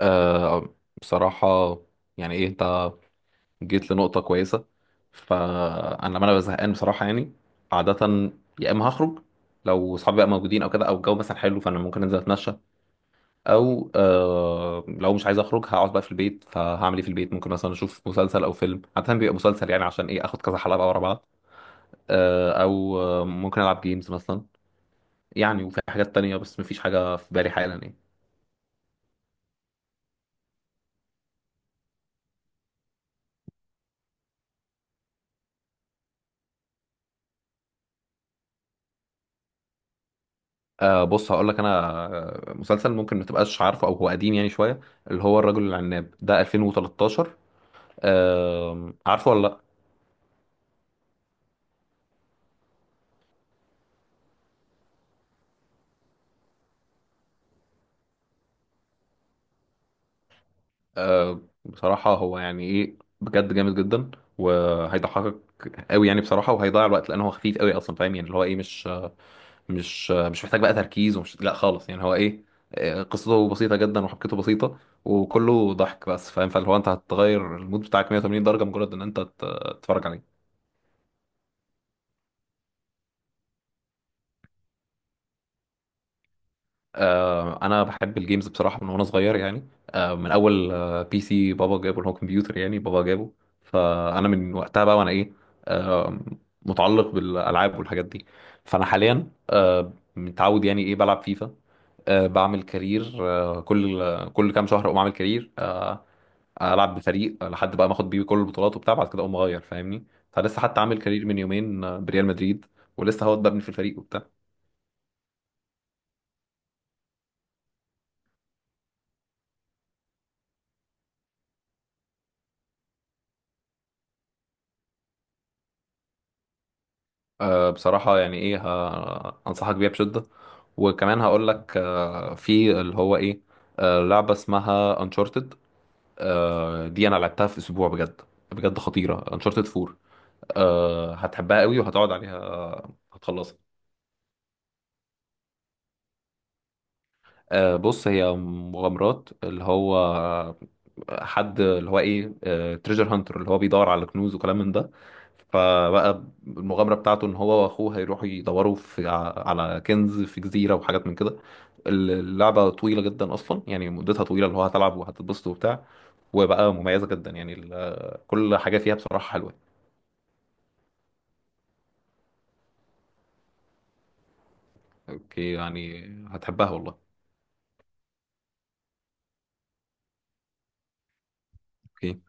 آه بصراحة، يعني ايه انت جيت لنقطة كويسة. فأنا لما أنا ببقى زهقان بصراحة يعني، عادة يا إما هخرج لو صحابي بقى موجودين أو كده، أو الجو مثلا حلو فأنا ممكن أنزل أتمشى، أو آه لو مش عايز أخرج هقعد بقى في البيت، فهعمل إيه في البيت؟ ممكن مثلا أشوف مسلسل أو فيلم، عادة بيبقى مسلسل يعني عشان إيه آخد كذا حلقة بقى ورا بعض. آه أو ممكن ألعب جيمز مثلا يعني، وفي حاجات تانية بس مفيش حاجة في بالي حالا يعني. آه بص هقول لك انا، مسلسل ممكن ما تبقاش عارفه او هو قديم يعني شويه، اللي هو الرجل العناب ده 2013، آه عارفه ولا لا؟ آه بصراحه هو يعني ايه بجد جامد جدا، وهيضحكك قوي يعني بصراحه، وهيضيع الوقت لان هو خفيف قوي اصلا، فاهم؟ يعني اللي هو ايه، مش مش محتاج بقى تركيز، ومش لا خالص يعني هو ايه، قصته بسيطه جدا وحبكته بسيطه وكله ضحك بس، فاهم؟ فاللي هو انت هتغير المود بتاعك 180 درجه مجرد ان انت تتفرج عليه. انا بحب الجيمز بصراحه من وانا صغير يعني، من اول بي سي بابا جابه، اللي هو كمبيوتر يعني بابا جابه. فانا من وقتها بقى وانا ايه، آه، متعلق بالالعاب والحاجات دي. فانا حاليا متعود يعني ايه بلعب فيفا، بعمل كارير، كل كام شهر اقوم اعمل كارير، العب بفريق لحد بقى ما اخد بيه كل البطولات وبتاع، بعد كده اقوم اغير فاهمني. فلسه حتى عامل كارير من يومين بريال مدريد، ولسه هو ببني في الفريق وبتاع. أه بصراحة يعني ايه انصحك بيها بشدة، وكمان هقول لك أه في اللي هو ايه، أه لعبة اسمها انشارتد، أه دي انا لعبتها في اسبوع بجد، بجد خطيرة، انشارتد 4. أه هتحبها قوي وهتقعد عليها هتخلصها. أه بص هي مغامرات اللي هو حد اللي هو ايه، تريجر هانتر اللي هو بيدور على كنوز وكلام من ده. فبقى المغامرة بتاعته ان هو واخوه هيروحوا يدوروا في على كنز في جزيرة وحاجات من كده. اللعبة طويلة جدا اصلا يعني مدتها طويلة، اللي هو هتلعب وهتتبسط وبتاع، وبقى مميزة جدا يعني كل حاجة فيها بصراحة حلوة. اوكي يعني هتحبها والله. اوكي.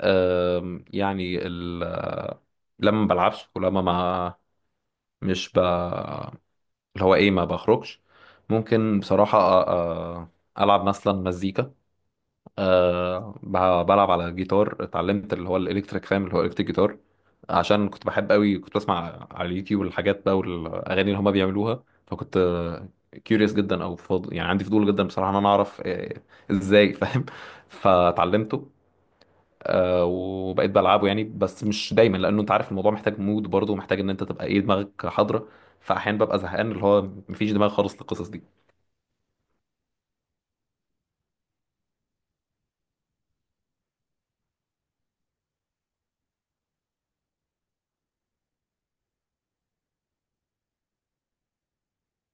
يعني لما ما بلعبش ولما ما مش ب اللي هو ايه ما بخرجش، ممكن بصراحة ألعب مثلا مزيكا. أه بلعب على جيتار، اتعلمت اللي هو الإلكتريك، فاهم اللي هو إلكتريك جيتار. عشان كنت بحب قوي، كنت بسمع على اليوتيوب الحاجات بقى والأغاني اللي هما بيعملوها، فكنت كيوريوس جدا أو يعني عندي فضول جدا بصراحة إن أنا أعرف إزاي، فاهم؟ فاتعلمته. وبقيت بلعبه يعني، بس مش دايما لانه انت عارف الموضوع محتاج مود برضه، ومحتاج ان انت تبقى ايه دماغك حاضره. فاحيانا ببقى زهقان اللي هو مفيش دماغ خالص للقصص دي.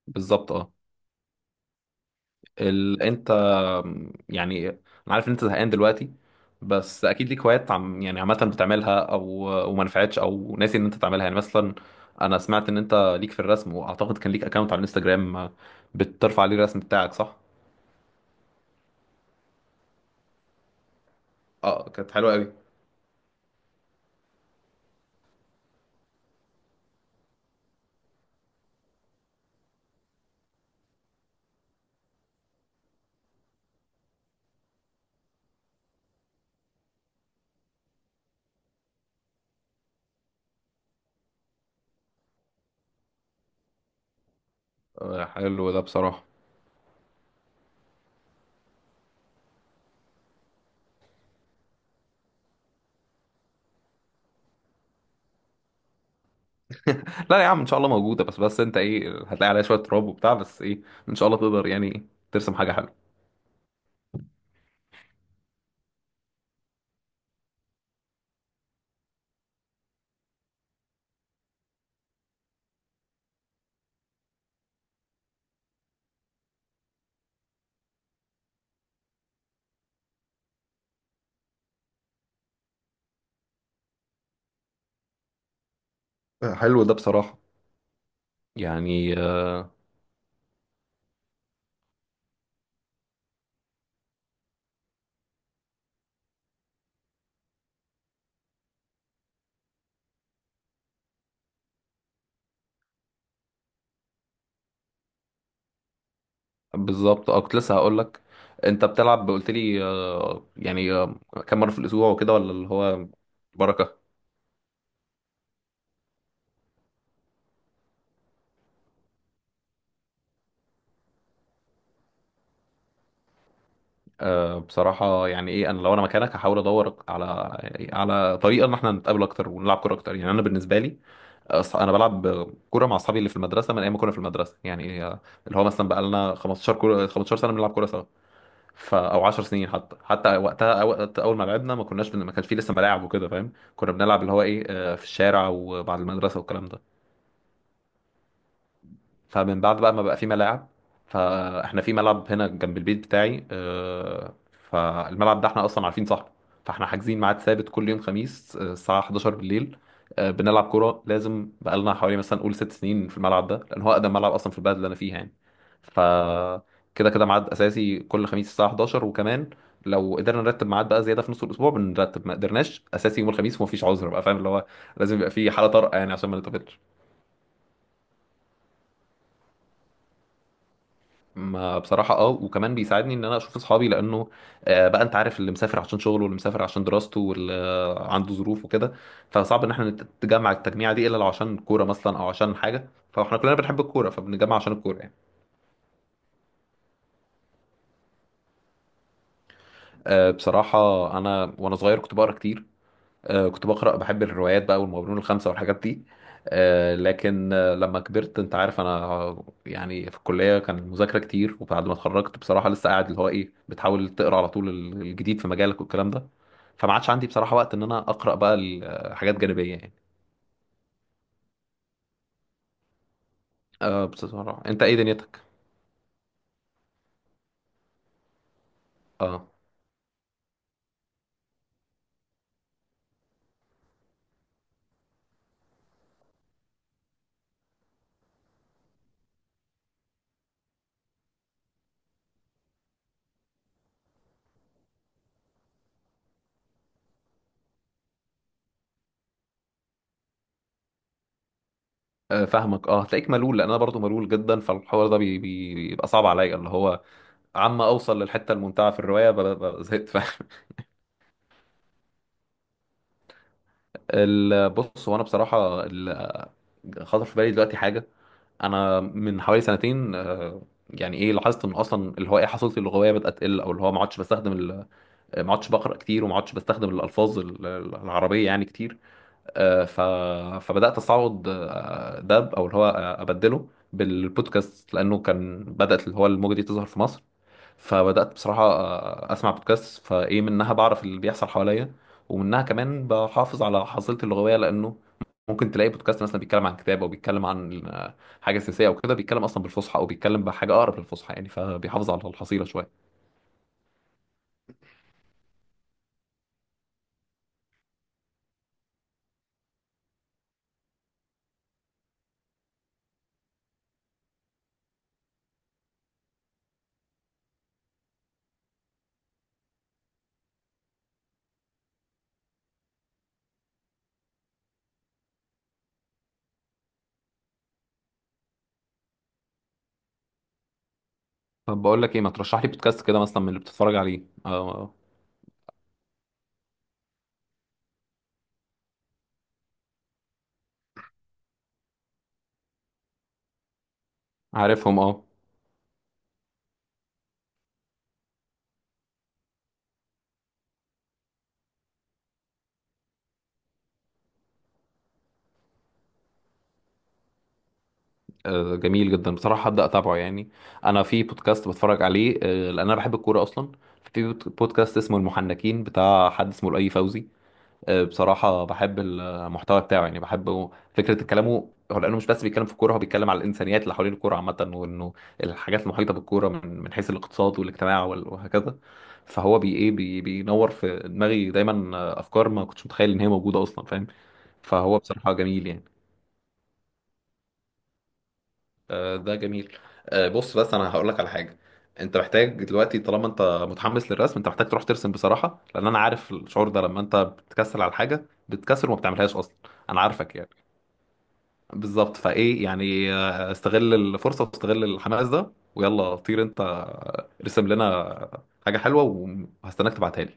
بالظبط اه. انت يعني انا عارف ان انت زهقان دلوقتي، بس اكيد ليك هوايات عم يعني عامه بتعملها، او وما نفعتش او ناسي ان انت تعملها يعني. مثلا انا سمعت ان انت ليك في الرسم، واعتقد كان ليك اكونت على الانستجرام بترفع عليه الرسم بتاعك، صح؟ اه كانت حلوه قوي. حلو ده بصراحه. لا يا عم ان شاء الله موجوده، بس بس انت ايه هتلاقي عليها شويه تراب وبتاع، بس ايه ان شاء الله تقدر يعني ترسم حاجه حلوه. حلو ده بصراحه يعني بالظبط اه. كنت لسه هقول لك، انت بتلعب قلت لي يعني كم مره في الاسبوع وكده ولا اللي هو؟ بركه. بصراحه يعني ايه انا لو انا مكانك هحاول ادور على على طريقه ان احنا نتقابل اكتر ونلعب كوره اكتر يعني. انا بالنسبه لي انا بلعب كوره مع اصحابي اللي في المدرسه من ايام ما كنا في المدرسه يعني، اللي هو مثلا بقى لنا 15 كوره 15 سنه بنلعب كوره سوا، ف او 10 سنين حتى، حتى وقتها وقت اول ما لعبنا ما كناش ما كانش فيه لسه ملاعب وكده، فاهم؟ كنا بنلعب اللي هو ايه في الشارع وبعد المدرسه والكلام ده. فمن بعد بقى ما بقى في ملاعب، فاحنا في ملعب هنا جنب البيت بتاعي، فالملعب ده احنا اصلا عارفين صاحبه، فاحنا حاجزين ميعاد ثابت كل يوم خميس الساعه 11 بالليل، بنلعب كوره. لازم بقالنا حوالي مثلا قول 6 سنين في الملعب ده، لان هو اقدم ملعب اصلا في البلد اللي انا فيها يعني. ف كده كده ميعاد اساسي كل خميس الساعه 11، وكمان لو قدرنا نرتب ميعاد بقى زياده في نص الاسبوع بنرتب، ما قدرناش اساسي يوم الخميس ومفيش عذر بقى، فاهم اللي هو لازم يبقى في حاله طارئه يعني عشان ما نتقابلش. ما بصراحة اه، وكمان بيساعدني ان انا اشوف اصحابي لانه بقى انت عارف اللي مسافر عشان شغله، واللي مسافر عشان دراسته، واللي عنده ظروف وكده، فصعب ان احنا نتجمع التجميعة دي الا لو عشان كورة مثلا او عشان حاجة، فاحنا كلنا بنحب الكورة فبنتجمع عشان الكورة يعني. بصراحة انا وانا صغير كنت بقرا كتير، كنت بقرأ بحب الروايات بقى والمغامرون الخمسة والحاجات دي. لكن لما كبرت انت عارف انا يعني في الكلية كان مذاكرة كتير، وبعد ما اتخرجت بصراحة لسه قاعد اللي هو ايه بتحاول تقرأ على طول الجديد في مجالك والكلام ده. فما عادش عندي بصراحة وقت ان انا أقرأ بقى حاجات جانبية يعني. أه بصراحة انت ايه دنيتك؟ اه فاهمك اه، هتلاقيك ملول لان انا برضو ملول جدا، فالحوار ده بيبقى صعب عليا، اللي هو عم اوصل للحته الممتعه في الروايه زهقت، فاهم. بص هو انا بصراحه خطر في بالي دلوقتي حاجه. انا من حوالي سنتين يعني ايه لاحظت ان اصلا اللي هو ايه حصيلتي اللغويه بدات تقل، او اللي هو ما عدتش بستخدم ما عدتش بقرا كتير، وما عدتش بستخدم الالفاظ العربيه يعني كتير. آه، ف... فبدات استعوض ده او اللي هو ابدله بالبودكاست، لانه كان بدات اللي هو الموجه دي تظهر في مصر. فبدات بصراحه اسمع بودكاست، فايه منها بعرف اللي بيحصل حواليا، ومنها كمان بحافظ على حصيلتي اللغويه، لانه ممكن تلاقي بودكاست مثلا بيتكلم عن كتاب او بيتكلم عن حاجه سياسيه او كده، بيتكلم اصلا بالفصحى او بيتكلم بحاجه اقرب للفصحى يعني، فبيحافظ على الحصيله شويه. طب بقول لك ايه، ما ترشح لي بودكاست كده مثلا من اللي بتتفرج عليه عارفهم اه. جميل جدا بصراحة، هبدأ أتابعه يعني. أنا في بودكاست بتفرج عليه لأن أنا بحب الكورة أصلا، في بودكاست اسمه المحنكين بتاع حد اسمه الأي فوزي. بصراحة بحب المحتوى بتاعه يعني، بحب فكرة كلامه هو، لأنه مش بس بيتكلم في الكورة، هو بيتكلم على الإنسانيات اللي حوالين الكورة عامة، وإنه الحاجات المحيطة بالكورة من حيث الاقتصاد والاجتماع وهكذا. فهو بي إيه بي بينور في دماغي دايما أفكار ما كنتش متخيل إن هي موجودة أصلا، فاهم. فهو بصراحة جميل يعني. ده جميل. بص بس انا هقول لك على حاجه، انت محتاج دلوقتي طالما انت متحمس للرسم انت محتاج تروح ترسم بصراحه، لان انا عارف الشعور ده لما انت بتكسل على حاجه بتكسل وما بتعملهاش اصلا. انا عارفك يعني، بالظبط فايه يعني استغل الفرصه واستغل الحماس ده، ويلا طير انت ارسم لنا حاجه حلوه، وهستناك تبعتها لي.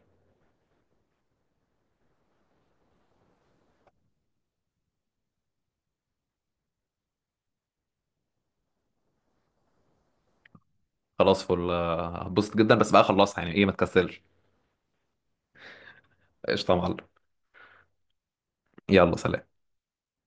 خلاص فل هتبسط جدا، بس بقى خلصها يعني ايه ما تكسلش. قشطه يا معلم، يلا سلام.